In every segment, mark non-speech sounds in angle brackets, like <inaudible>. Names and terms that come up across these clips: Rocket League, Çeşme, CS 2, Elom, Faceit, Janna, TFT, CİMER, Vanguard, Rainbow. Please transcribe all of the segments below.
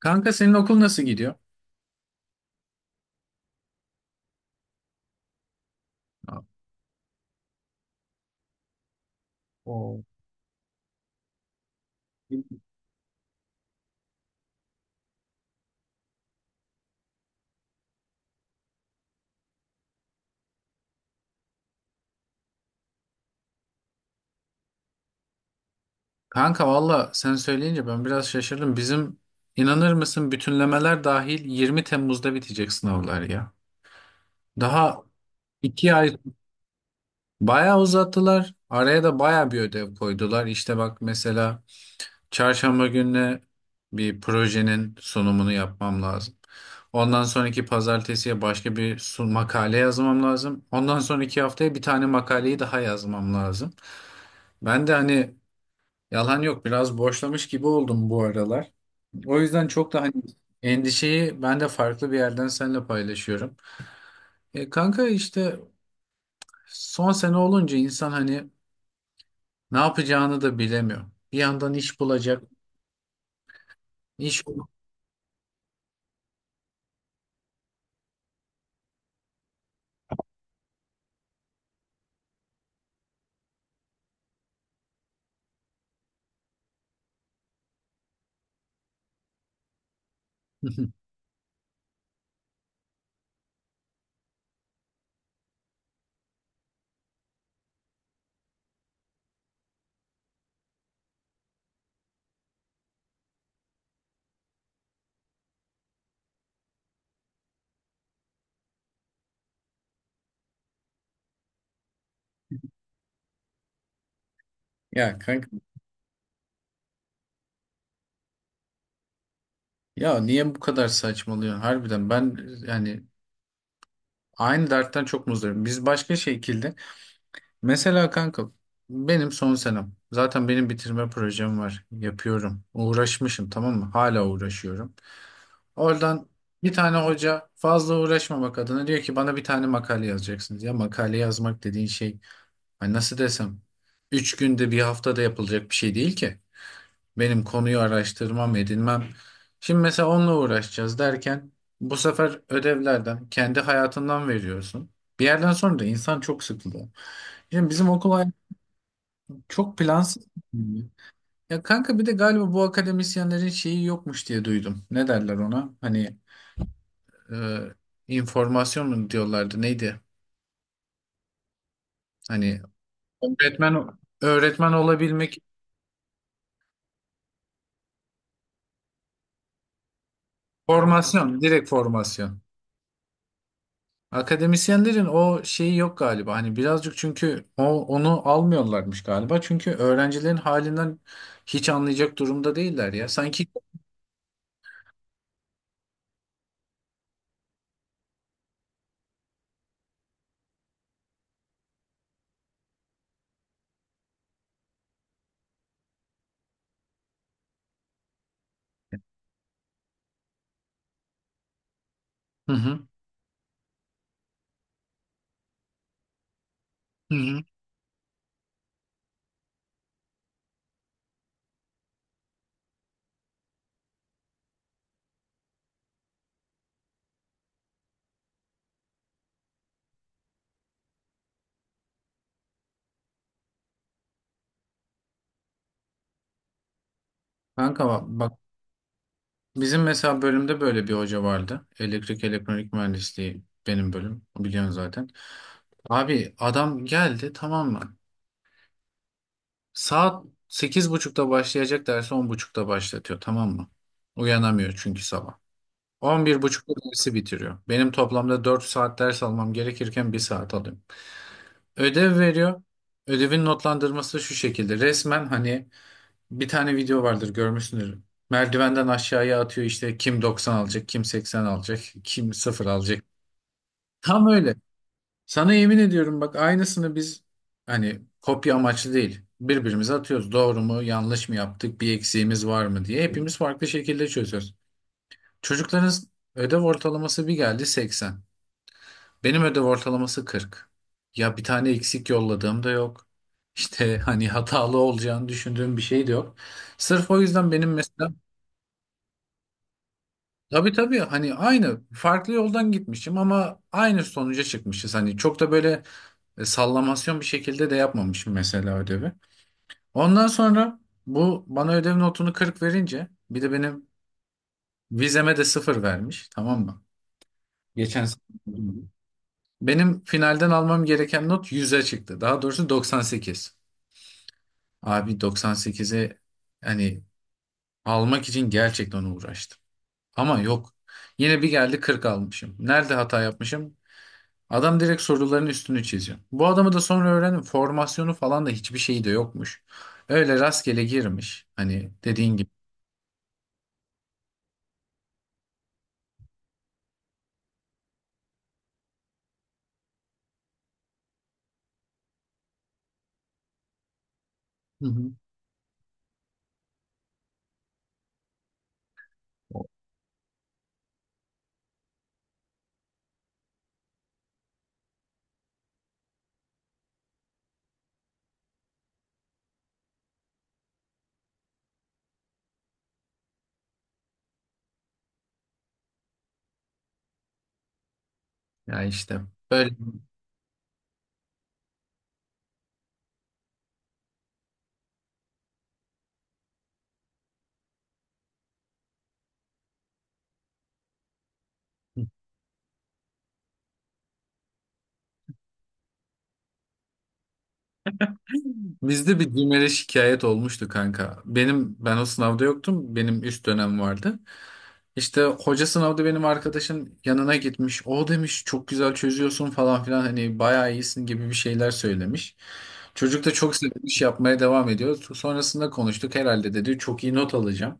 Kanka, senin okul nasıl gidiyor? Oo. Kanka, valla sen söyleyince ben biraz şaşırdım. Bizim, inanır mısın, bütünlemeler dahil 20 Temmuz'da bitecek sınavlar ya. Daha 2 ay bayağı uzattılar. Araya da bayağı bir ödev koydular. İşte bak, mesela çarşamba gününe bir projenin sunumunu yapmam lazım. Ondan sonraki pazartesiye başka bir makale yazmam lazım. Ondan sonraki haftaya bir tane makaleyi daha yazmam lazım. Ben de hani, yalan yok, biraz boşlamış gibi oldum bu aralar. O yüzden çok da hani endişeyi ben de farklı bir yerden seninle paylaşıyorum. Kanka işte son sene olunca insan hani ne yapacağını da bilemiyor. Bir yandan iş bulacak, iş <laughs> Ya kanka, ya niye bu kadar saçmalıyorsun harbiden? Ben, yani, aynı dertten çok muzdarım. Biz başka şekilde, mesela kanka, benim son senem zaten, benim bitirme projem var, yapıyorum, uğraşmışım, tamam mı, hala uğraşıyorum. Oradan bir tane hoca, fazla uğraşma bak adına, diyor ki bana bir tane makale yazacaksınız. Ya makale yazmak dediğin şey, hani nasıl desem, 3 günde bir haftada yapılacak bir şey değil ki. Benim konuyu araştırmam, edinmem. Şimdi mesela onunla uğraşacağız derken, bu sefer ödevlerden kendi hayatından veriyorsun. Bir yerden sonra da insan çok sıkılıyor. Şimdi bizim okul hayatı çok plansız. Ya kanka, bir de galiba bu akademisyenlerin şeyi yokmuş diye duydum. Ne derler ona? Hani, e, informasyon mu diyorlardı, neydi? Hani öğretmen olabilmek, formasyon, direkt formasyon. Akademisyenlerin o şeyi yok galiba. Hani birazcık, çünkü o, onu almıyorlarmış galiba. Çünkü öğrencilerin halinden hiç anlayacak durumda değiller ya. Sanki. Hı hı. Hı hı. Kanka bak, bak, bizim mesela bölümde böyle bir hoca vardı. Elektrik elektronik mühendisliği benim bölüm, biliyorsun zaten. Abi adam geldi, tamam mı? Saat 8.30'da başlayacak dersi 10.30'da başlatıyor, tamam mı? Uyanamıyor çünkü sabah. 11.30'da dersi bitiriyor. Benim toplamda 4 saat ders almam gerekirken bir saat alıyorum. Ödev veriyor. Ödevin notlandırması şu şekilde: resmen hani, bir tane video vardır görmüşsündür, merdivenden aşağıya atıyor işte, kim 90 alacak, kim 80 alacak, kim 0 alacak. Tam öyle. Sana yemin ediyorum, bak aynısını biz, hani kopya amaçlı değil, birbirimize atıyoruz. Doğru mu yanlış mı yaptık, bir eksiğimiz var mı diye hepimiz farklı şekilde çözüyoruz. Çocukların ödev ortalaması bir geldi 80. Benim ödev ortalaması 40. Ya bir tane eksik yolladığım da yok. İşte hani hatalı olacağını düşündüğüm bir şey de yok. Sırf o yüzden benim mesela. Tabii tabii, hani aynı, farklı yoldan gitmişim ama aynı sonuca çıkmışız. Hani çok da böyle, sallamasyon bir şekilde de yapmamışım mesela ödevi. Ondan sonra bu bana ödev notunu 40 verince, bir de benim vizeme de 0 vermiş, tamam mı? Geçen sene. Benim finalden almam gereken not 100'e çıktı. Daha doğrusu 98. Abi, 98'e hani almak için gerçekten uğraştım. Ama yok. Yine bir geldi, 40 almışım. Nerede hata yapmışım? Adam direkt soruların üstünü çiziyor. Bu adamı da sonra öğrendim, formasyonu falan da hiçbir şeyi de yokmuş. Öyle rastgele girmiş, hani dediğin gibi. Hı hı. Ya işte böyle. Bizde bir CİMER'e şikayet olmuştu kanka. Benim, ben o sınavda yoktum, benim üst dönem vardı. İşte hoca sınavda benim arkadaşın yanına gitmiş. O demiş çok güzel çözüyorsun falan filan, hani bayağı iyisin gibi bir şeyler söylemiş. Çocuk da çok sevinmiş, yapmaya devam ediyor. Sonrasında konuştuk, herhalde dedi çok iyi not alacağım.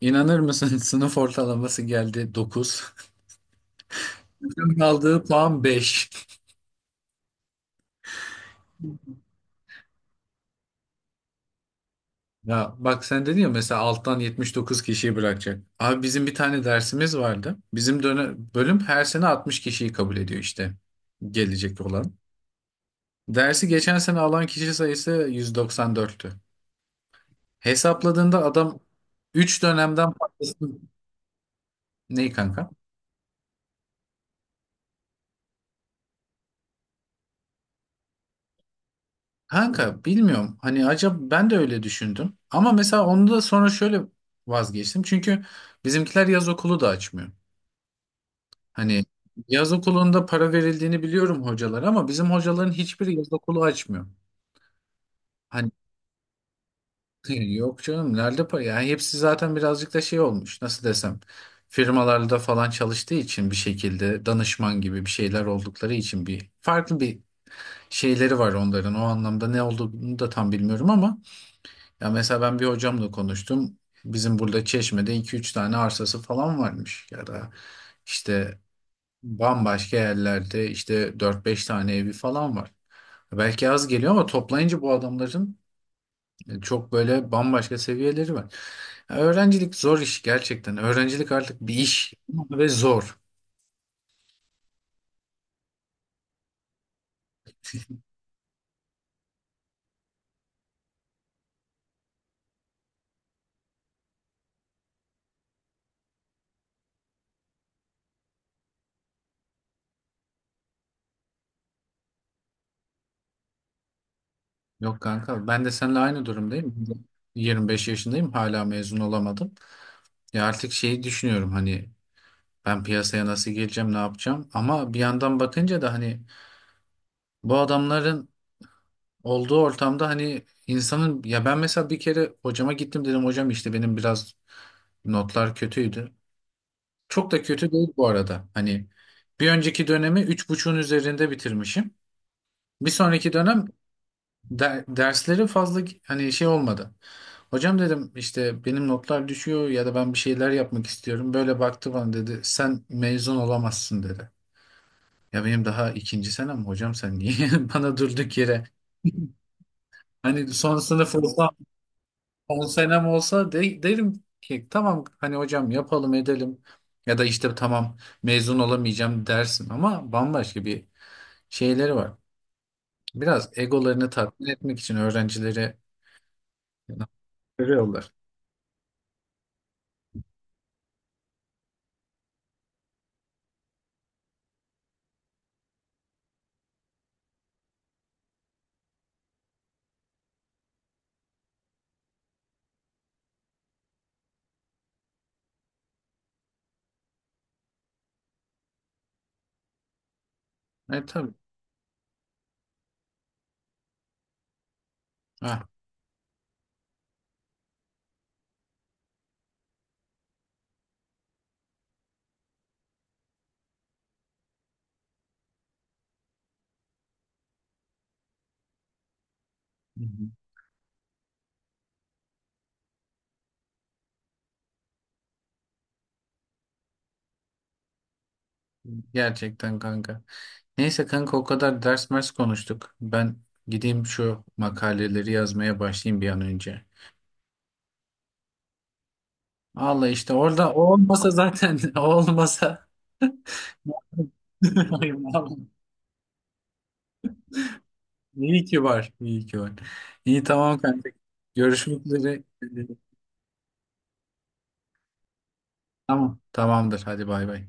İnanır mısın, <laughs> sınıf ortalaması geldi 9. Bütün aldığı puan 5. Ya bak sen dedin ya, mesela alttan 79 kişiyi bırakacak. Abi, bizim bir tane dersimiz vardı. Bizim dönem, bölüm her sene 60 kişiyi kabul ediyor işte, gelecek olan. Dersi geçen sene alan kişi sayısı 194'tü. Hesapladığında adam 3 dönemden fazlasını... Neyi kanka? Kanka bilmiyorum. Hani acaba, ben de öyle düşündüm. Ama mesela onu da sonra şöyle vazgeçtim. Çünkü bizimkiler yaz okulu da açmıyor. Hani yaz okulunda para verildiğini biliyorum hocalar, ama bizim hocaların hiçbiri yaz okulu açmıyor. Hani <laughs> yok canım, nerede para? Yani hepsi zaten birazcık da şey olmuş. Nasıl desem? Firmalarda falan çalıştığı için, bir şekilde danışman gibi bir şeyler oldukları için, bir farklı bir şeyleri var onların. O anlamda ne olduğunu da tam bilmiyorum ama. Ya mesela ben bir hocamla konuştum. Bizim burada Çeşme'de iki üç tane arsası falan varmış, ya da işte bambaşka yerlerde, işte dört beş tane evi falan var. Belki az geliyor ama toplayınca bu adamların e, çok böyle bambaşka seviyeleri var. Ya öğrencilik zor iş gerçekten. Öğrencilik artık bir iş ve zor. Yok kanka, ben de seninle aynı durumdayım. 25 yaşındayım, hala mezun olamadım. Ya artık şeyi düşünüyorum, hani ben piyasaya nasıl gireceğim, ne yapacağım? Ama bir yandan bakınca da hani bu adamların olduğu ortamda hani insanın. Ya ben mesela bir kere hocama gittim, dedim hocam işte benim biraz notlar kötüydü. Çok da kötü değil bu arada. Hani bir önceki dönemi 3,5'un üzerinde bitirmişim. Bir sonraki dönem dersleri fazla hani şey olmadı. Hocam dedim, işte benim notlar düşüyor, ya da ben bir şeyler yapmak istiyorum. Böyle baktı bana, dedi sen mezun olamazsın dedi. Ya benim daha ikinci senem hocam, sen niye <laughs> bana durduk yere? Hani son sınıf olsa, son senem olsa, de, derim ki tamam hani hocam yapalım edelim, ya da işte tamam mezun olamayacağım dersin, ama bambaşka bir şeyleri var. Biraz egolarını tatmin etmek için öğrencileri görüyorlar. E tabii. Ha. Hı hı. Gerçekten kanka. Neyse kanka, o kadar ders mers konuştuk. Ben gideyim şu makaleleri yazmaya başlayayım bir an önce. Vallahi işte orada o olmasa zaten <laughs> o olmasa <laughs> Ay, vallahi. İyi ki var. İyi ki var. İyi, tamam kanka. Görüşmek üzere. Tamam. Tamamdır. Hadi bay bay.